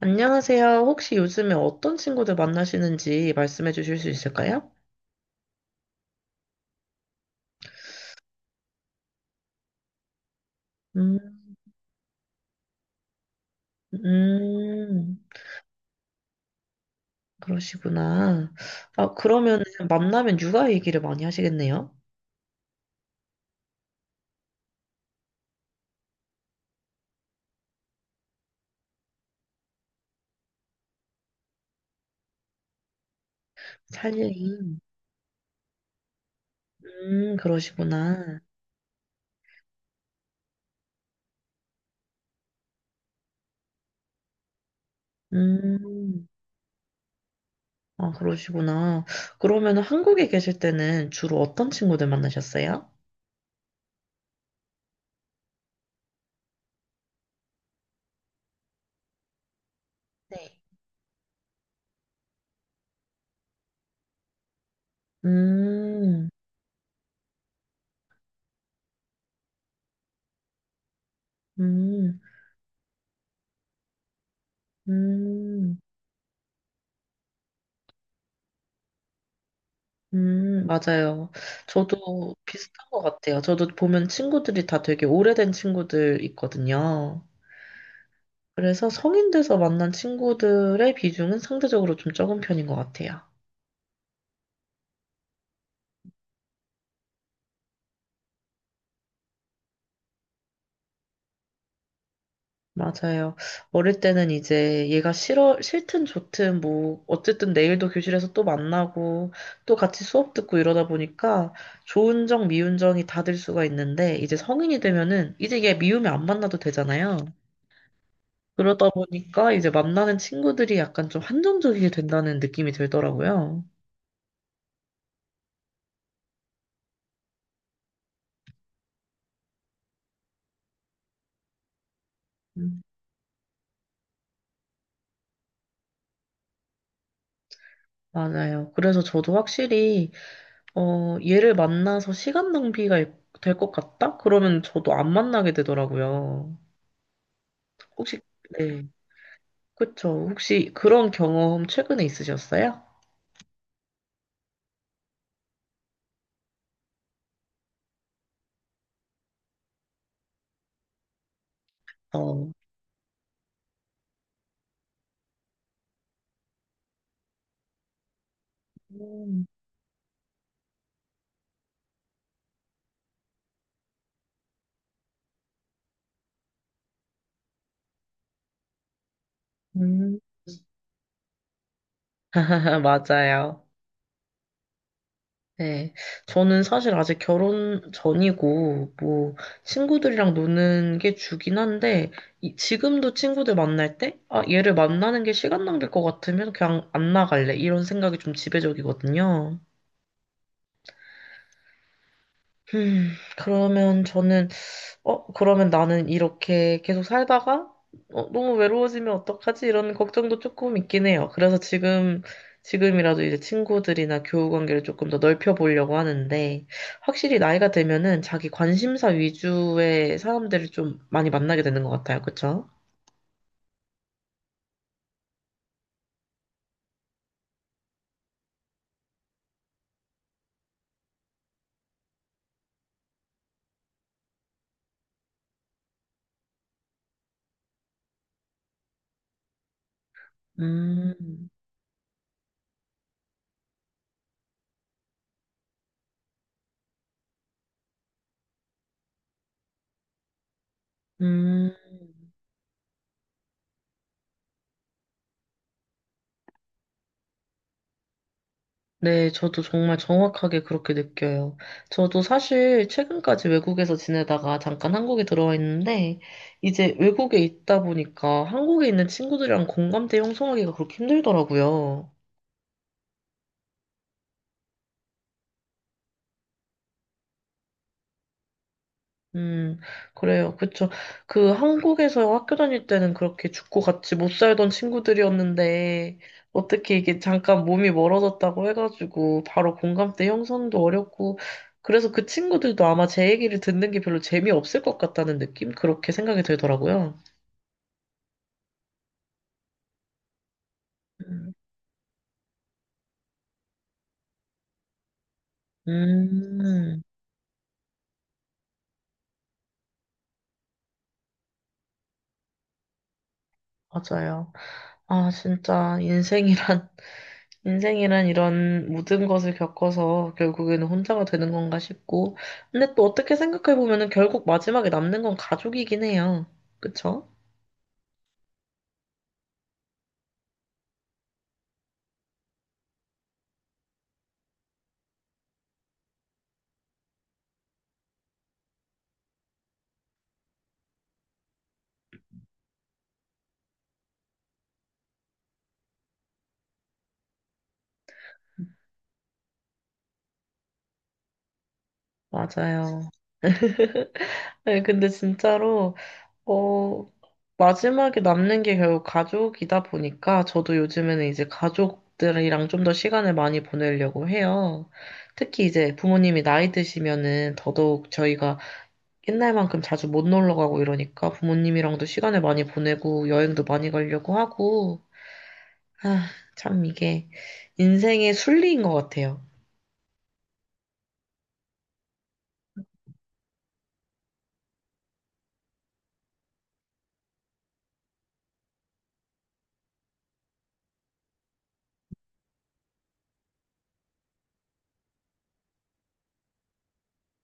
안녕하세요. 혹시 요즘에 어떤 친구들 만나시는지 말씀해 주실 수 있을까요? 음, 음, 그러시구나. 아, 그러면 만나면 육아 얘기를 많이 하시겠네요? 살림. 그러시구나. 음, 아, 그러시구나. 그러면 한국에 계실 때는 주로 어떤 친구들 만나셨어요? 네. 음, 음, 음. 맞아요. 저도 비슷한 것 같아요. 저도 보면 친구들이 다 되게 오래된 친구들 있거든요. 그래서 성인 돼서 만난 친구들의 비중은 상대적으로 좀 적은 편인 것 같아요. 맞아요. 어릴 때는 이제 얘가 싫어, 싫든 좋든 뭐, 어쨌든 내일도 교실에서 또 만나고, 또 같이 수업 듣고 이러다 보니까 좋은 정, 미운 정이 다 들 수가 있는데, 이제 성인이 되면은, 이제 얘 미우면 안 만나도 되잖아요. 그러다 보니까 이제 만나는 친구들이 약간 좀 한정적이게 된다는 느낌이 들더라고요. 음, 맞아요. 그래서 저도 확실히, 어, 얘를 만나서 시간 낭비가 될 것 같다? 그러면 저도 안 만나게 되더라고요. 혹시, 네. 그쵸. 혹시 그런 경험 최근에 있으셨어요? 어. 음, 음. 맞아요. 네, 저는 사실 아직 결혼 전이고, 뭐, 친구들이랑 노는 게 주긴 한데, 지금도 친구들 만날 때, 아, 얘를 만나는 게 시간 낭비일 것 같으면 그냥 안 나갈래. 이런 생각이 좀 지배적이거든요. 음, 그러면 저는 어, 그러면 나는 이렇게 계속 살다가 어, 너무 외로워지면 어떡하지? 이런 걱정도 조금 있긴 해요. 그래서 지금이라도 이제 친구들이나 교우 관계를 조금 더 넓혀 보려고 하는데 확실히 나이가 되면은 자기 관심사 위주의 사람들을 좀 많이 만나게 되는 것 같아요. 그쵸? 음, 음. 네, 저도 정말 정확하게 그렇게 느껴요. 저도 사실 최근까지 외국에서 지내다가 잠깐 한국에 들어와 있는데, 이제 외국에 있다 보니까 한국에 있는 친구들이랑 공감대 형성하기가 그렇게 힘들더라고요. 음, 그래요. 그쵸. 그 한국에서 학교 다닐 때는 그렇게 죽고 같이 못 살던 친구들이었는데, 어떻게 이게 잠깐 몸이 멀어졌다고 해가지고, 바로 공감대 형성도 어렵고, 그래서 그 친구들도 아마 제 얘기를 듣는 게 별로 재미없을 것 같다는 느낌? 그렇게 생각이 들더라고요. 음, 음, 맞아요. 아, 진짜 인생이란 이런 모든 것을 겪어서 결국에는 혼자가 되는 건가 싶고, 근데 또 어떻게 생각해보면은 결국 마지막에 남는 건 가족이긴 해요. 그쵸? 맞아요. 네, 근데 진짜로, 어, 마지막에 남는 게 결국 가족이다 보니까 저도 요즘에는 이제 가족들이랑 좀 더 시간을 많이 보내려고 해요. 특히 이제 부모님이 나이 드시면은 더더욱 저희가 옛날만큼 자주 못 놀러 가고 이러니까 부모님이랑도 시간을 많이 보내고 여행도 많이 가려고 하고, 아, 참 이게 인생의 순리인 것 같아요.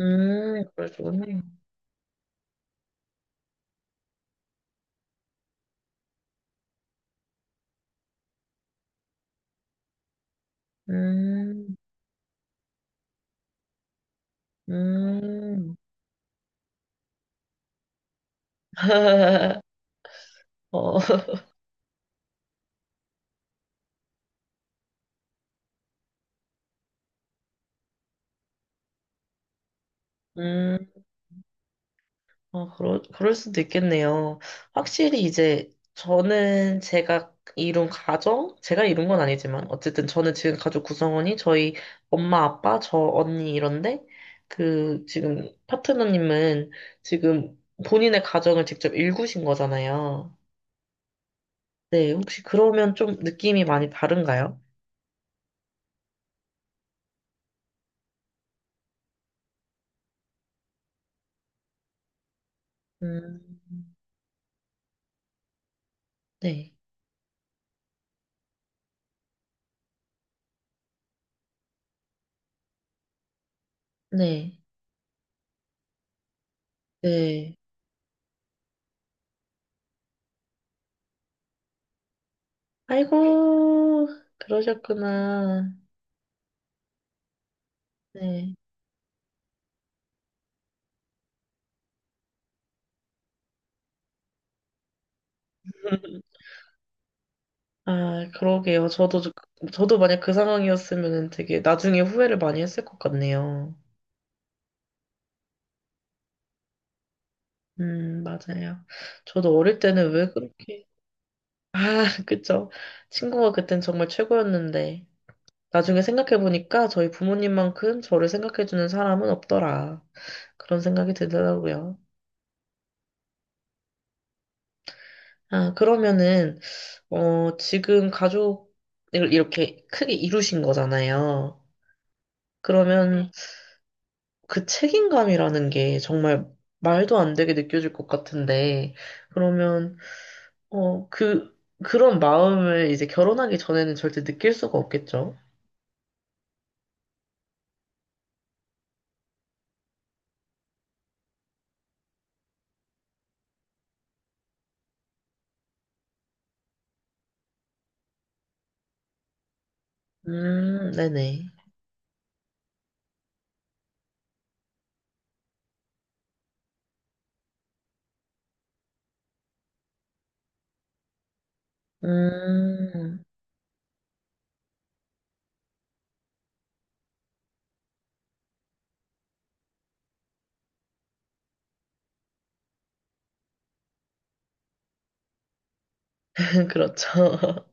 그러시군요. 음, 음. 어, 음. 어, 그럴 수도 있겠네요. 확실히 이제 저는 제가 이룬 가정, 제가 이룬 건 아니지만, 어쨌든 저는 지금 가족 구성원이 저희 엄마, 아빠, 저 언니 이런데, 그 지금 파트너님은 지금 본인의 가정을 직접 일구신 거잖아요. 네, 혹시 그러면 좀 느낌이 많이 다른가요? 음, 네, 네, 네. 아이고, 그러셨구나. 네. 아, 그러게요. 저도 만약 그 상황이었으면 되게 나중에 후회를 많이 했을 것 같네요. 맞아요. 저도 어릴 때는 왜 그렇게, 아, 그쵸. 친구가 그땐 정말 최고였는데, 나중에 생각해보니까 저희 부모님만큼 저를 생각해주는 사람은 없더라. 그런 생각이 들더라고요. 아, 그러면은, 어, 지금 가족을 이렇게 크게 이루신 거잖아요. 그러면, 그 책임감이라는 게 정말 말도 안 되게 느껴질 것 같은데, 그러면, 어, 그, 그런 마음을 이제 결혼하기 전에는 절대 느낄 수가 없겠죠? 네네. 음, 그렇죠.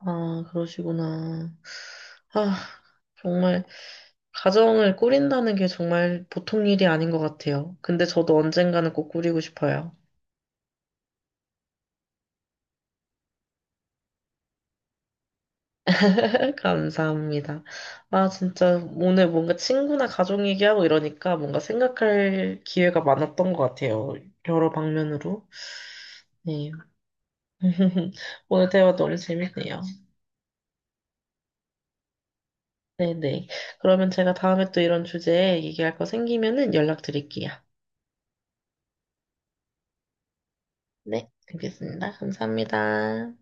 아, 그러시구나. 아, 정말, 가정을 꾸린다는 게 정말 보통 일이 아닌 것 같아요. 근데 저도 언젠가는 꼭 꾸리고 싶어요. 감사합니다. 아, 진짜 오늘 뭔가 친구나 가족 얘기하고 이러니까 뭔가 생각할 기회가 많았던 것 같아요. 여러 방면으로. 네. 오늘 대화 너무 재밌네요. 네네. 그러면 제가 다음에 또 이런 주제에 얘기할 거 생기면은 연락드릴게요. 네, 알겠습니다. 감사합니다.